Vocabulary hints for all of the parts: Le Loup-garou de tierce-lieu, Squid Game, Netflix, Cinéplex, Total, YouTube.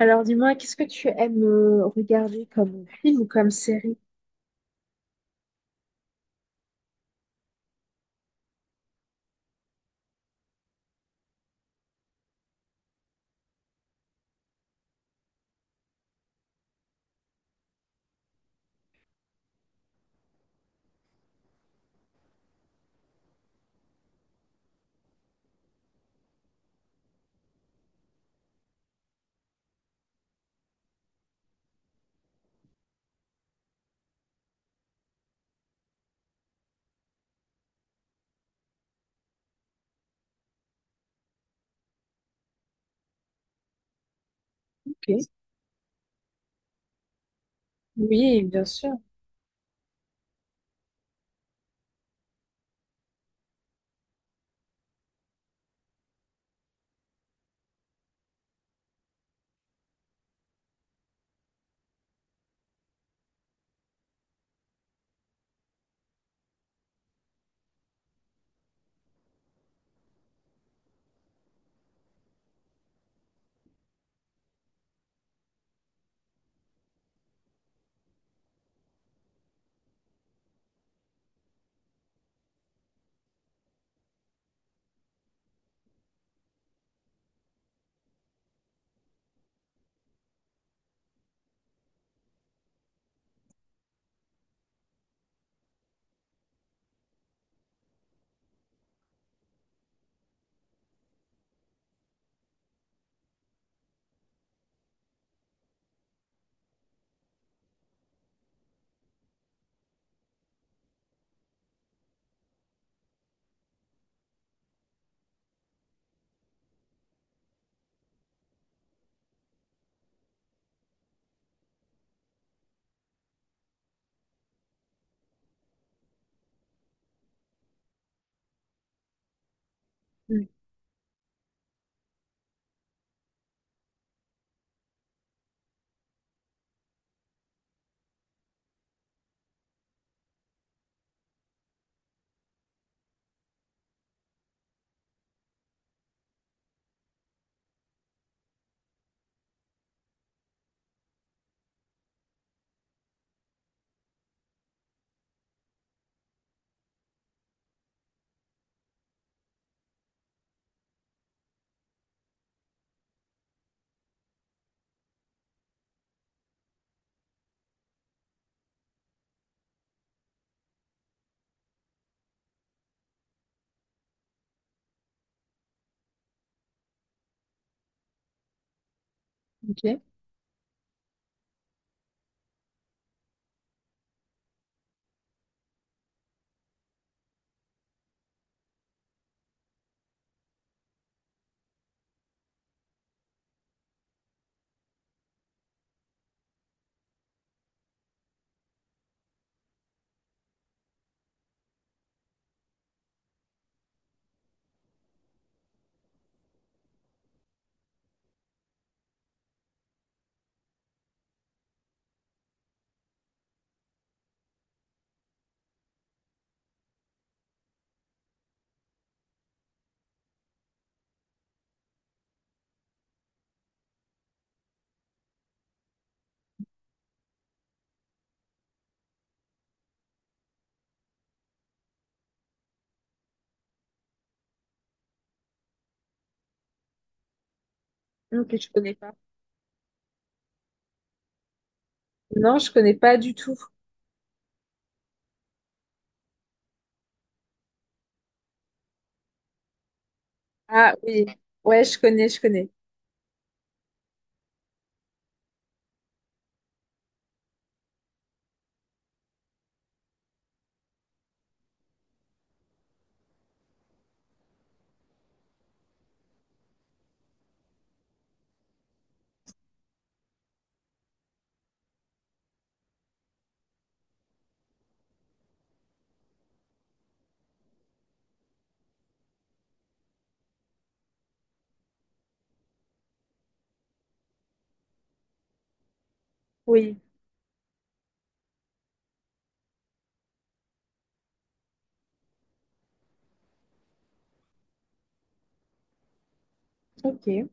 Alors dis-moi, qu'est-ce que tu aimes regarder comme film ou comme série? Ok. Oui, bien sûr. Mm. Ok. Ok, je connais pas. Non, je connais pas du tout. Ah oui. Ouais, je connais, je connais. Oui. Ok.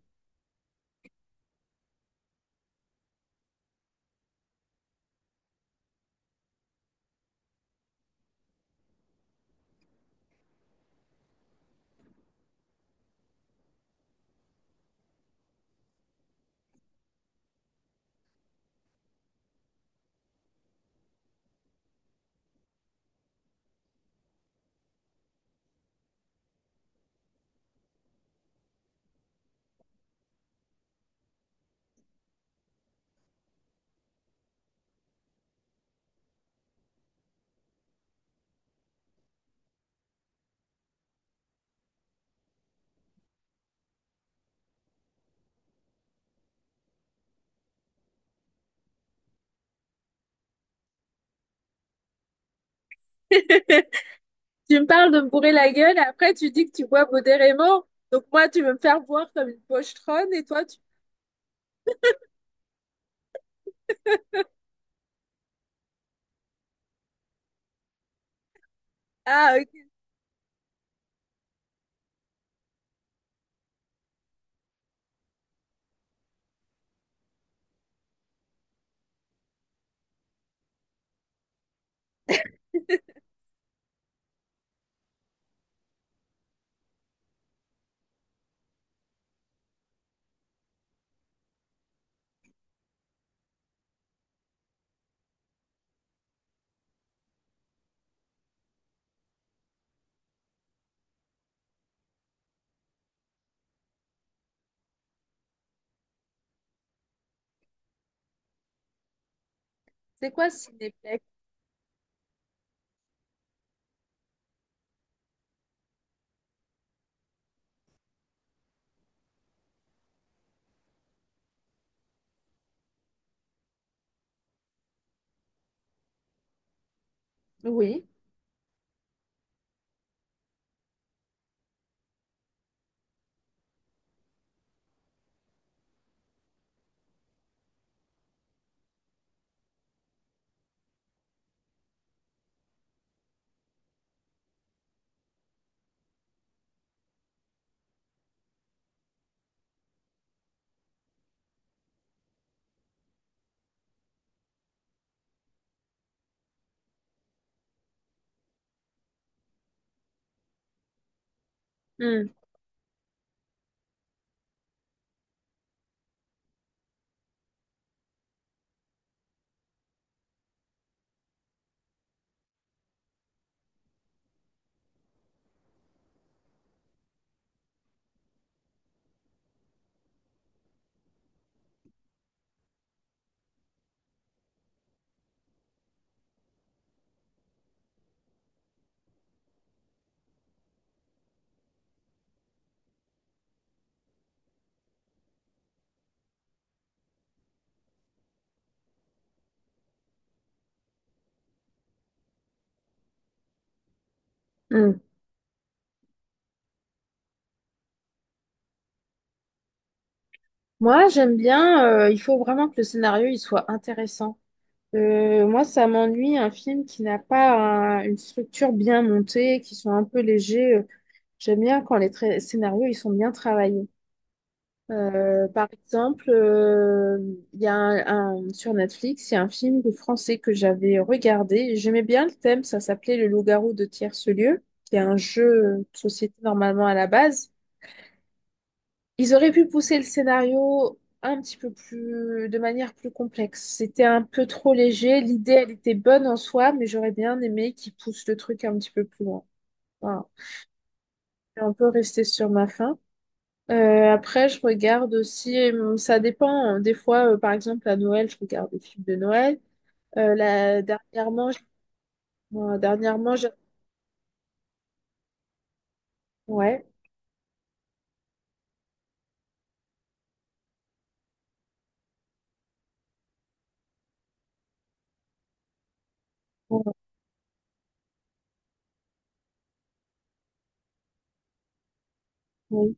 Tu me parles de me bourrer la gueule, après tu dis que tu bois modérément. Donc moi, tu veux me faire boire comme une pochetronne et toi, tu... Ah, ok. C'est quoi Cinéplex? Oui. Mm, mm. Moi, j'aime bien, il faut vraiment que le scénario il soit intéressant. Moi, ça m'ennuie un film qui n'a pas une structure bien montée, qui sont un peu légers. J'aime bien quand les scénarios ils sont bien travaillés. Par exemple, il y a sur Netflix, il y a un film de français que j'avais regardé. J'aimais bien le thème, ça s'appelait Le Loup-garou de tierce-lieu, qui est un jeu de société normalement à la base. Ils auraient pu pousser le scénario un petit peu plus, de manière plus complexe. C'était un peu trop léger. L'idée, elle était bonne en soi, mais j'aurais bien aimé qu'ils poussent le truc un petit peu plus loin. Voilà. Je suis un peu restée sur ma faim. Après, je regarde aussi, ça dépend, hein. Des fois, par exemple, à Noël, je regarde des films de Noël. Là, dernièrement, moi, dernièrement, ouais. Ouais, ouais.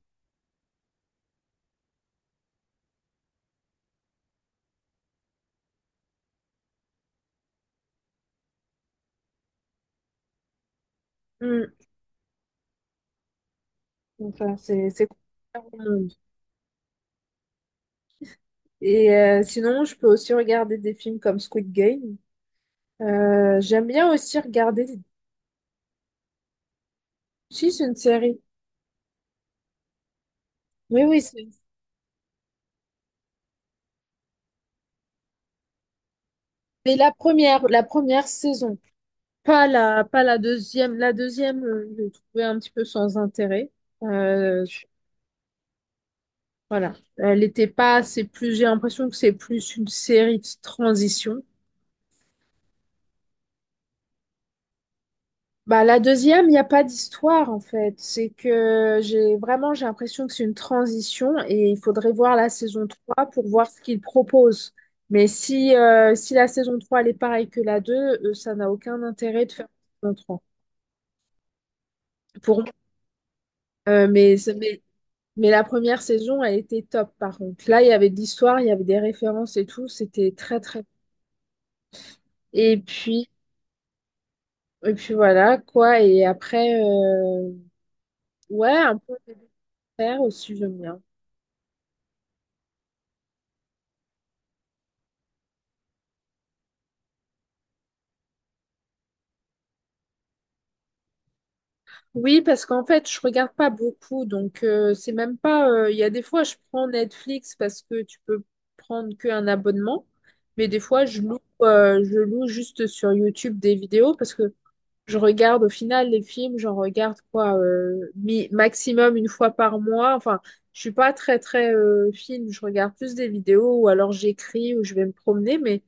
Hum. Enfin, c'est compliqué au monde. Et sinon, je peux aussi regarder des films comme Squid Game. J'aime bien aussi regarder. Si, c'est une série. Oui, oui, c'est mais la première saison. Pas la, pas la deuxième. La deuxième, je l'ai trouvée un petit peu sans intérêt. Euh, je- voilà. Elle n'était pas, c'est plus, j'ai l'impression que c'est plus une série de transition. Bah, la deuxième, il n'y a pas d'histoire en fait. C'est que j'ai vraiment j'ai l'impression que c'est une transition et il faudrait voir la saison trois pour voir ce qu'ils proposent. Mais si, si la saison 3 elle est pareille que la 2, ça n'a aucun intérêt de faire une saison 3. Pour moi. Euh, mais, mais, mais la première saison, elle était top par contre. Là, il y avait de l'histoire, il y avait des références et tout. C'était très très. Et puis, et puis voilà quoi. Et après, ouais, un peu de faire aussi, j'aime bien. Oui, parce qu'en fait, je regarde pas beaucoup, donc c'est même pas. Euh, il y a des fois, je prends Netflix parce que tu peux prendre qu'un abonnement, mais des fois, je loue juste sur YouTube des vidéos parce que je regarde au final les films, j'en regarde quoi, maximum une fois par mois. Enfin, je suis pas très très film, je regarde plus des vidéos ou alors j'écris ou je vais me promener, mais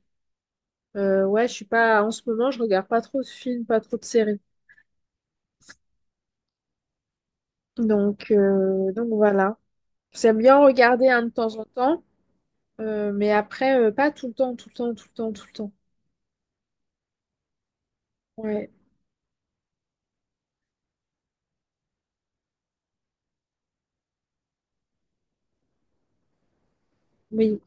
ouais, je suis pas. En ce moment, je regarde pas trop de films, pas trop de séries, donc voilà. J'aime bien regarder un de temps en temps, mais après, pas tout le temps, tout le temps, tout le temps, tout le temps. Ouais, oui.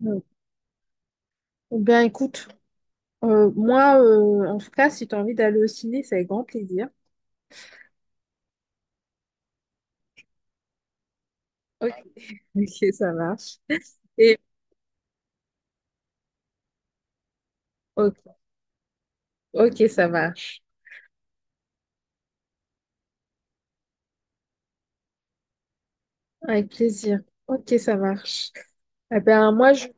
Ouais. Eh bien, écoute, moi, en tout cas, si tu as envie d'aller au ciné, c'est avec grand plaisir. Ok, ok, ça marche. Et, ok, ok, ça marche. Avec plaisir. Ok, ça marche. Eh bien, moi, je suis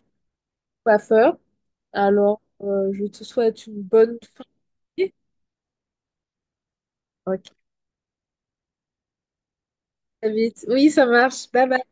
coiffeur, alors je te souhaite une bonne fin. Ok, à vite. Oui, ça marche. Bye bye.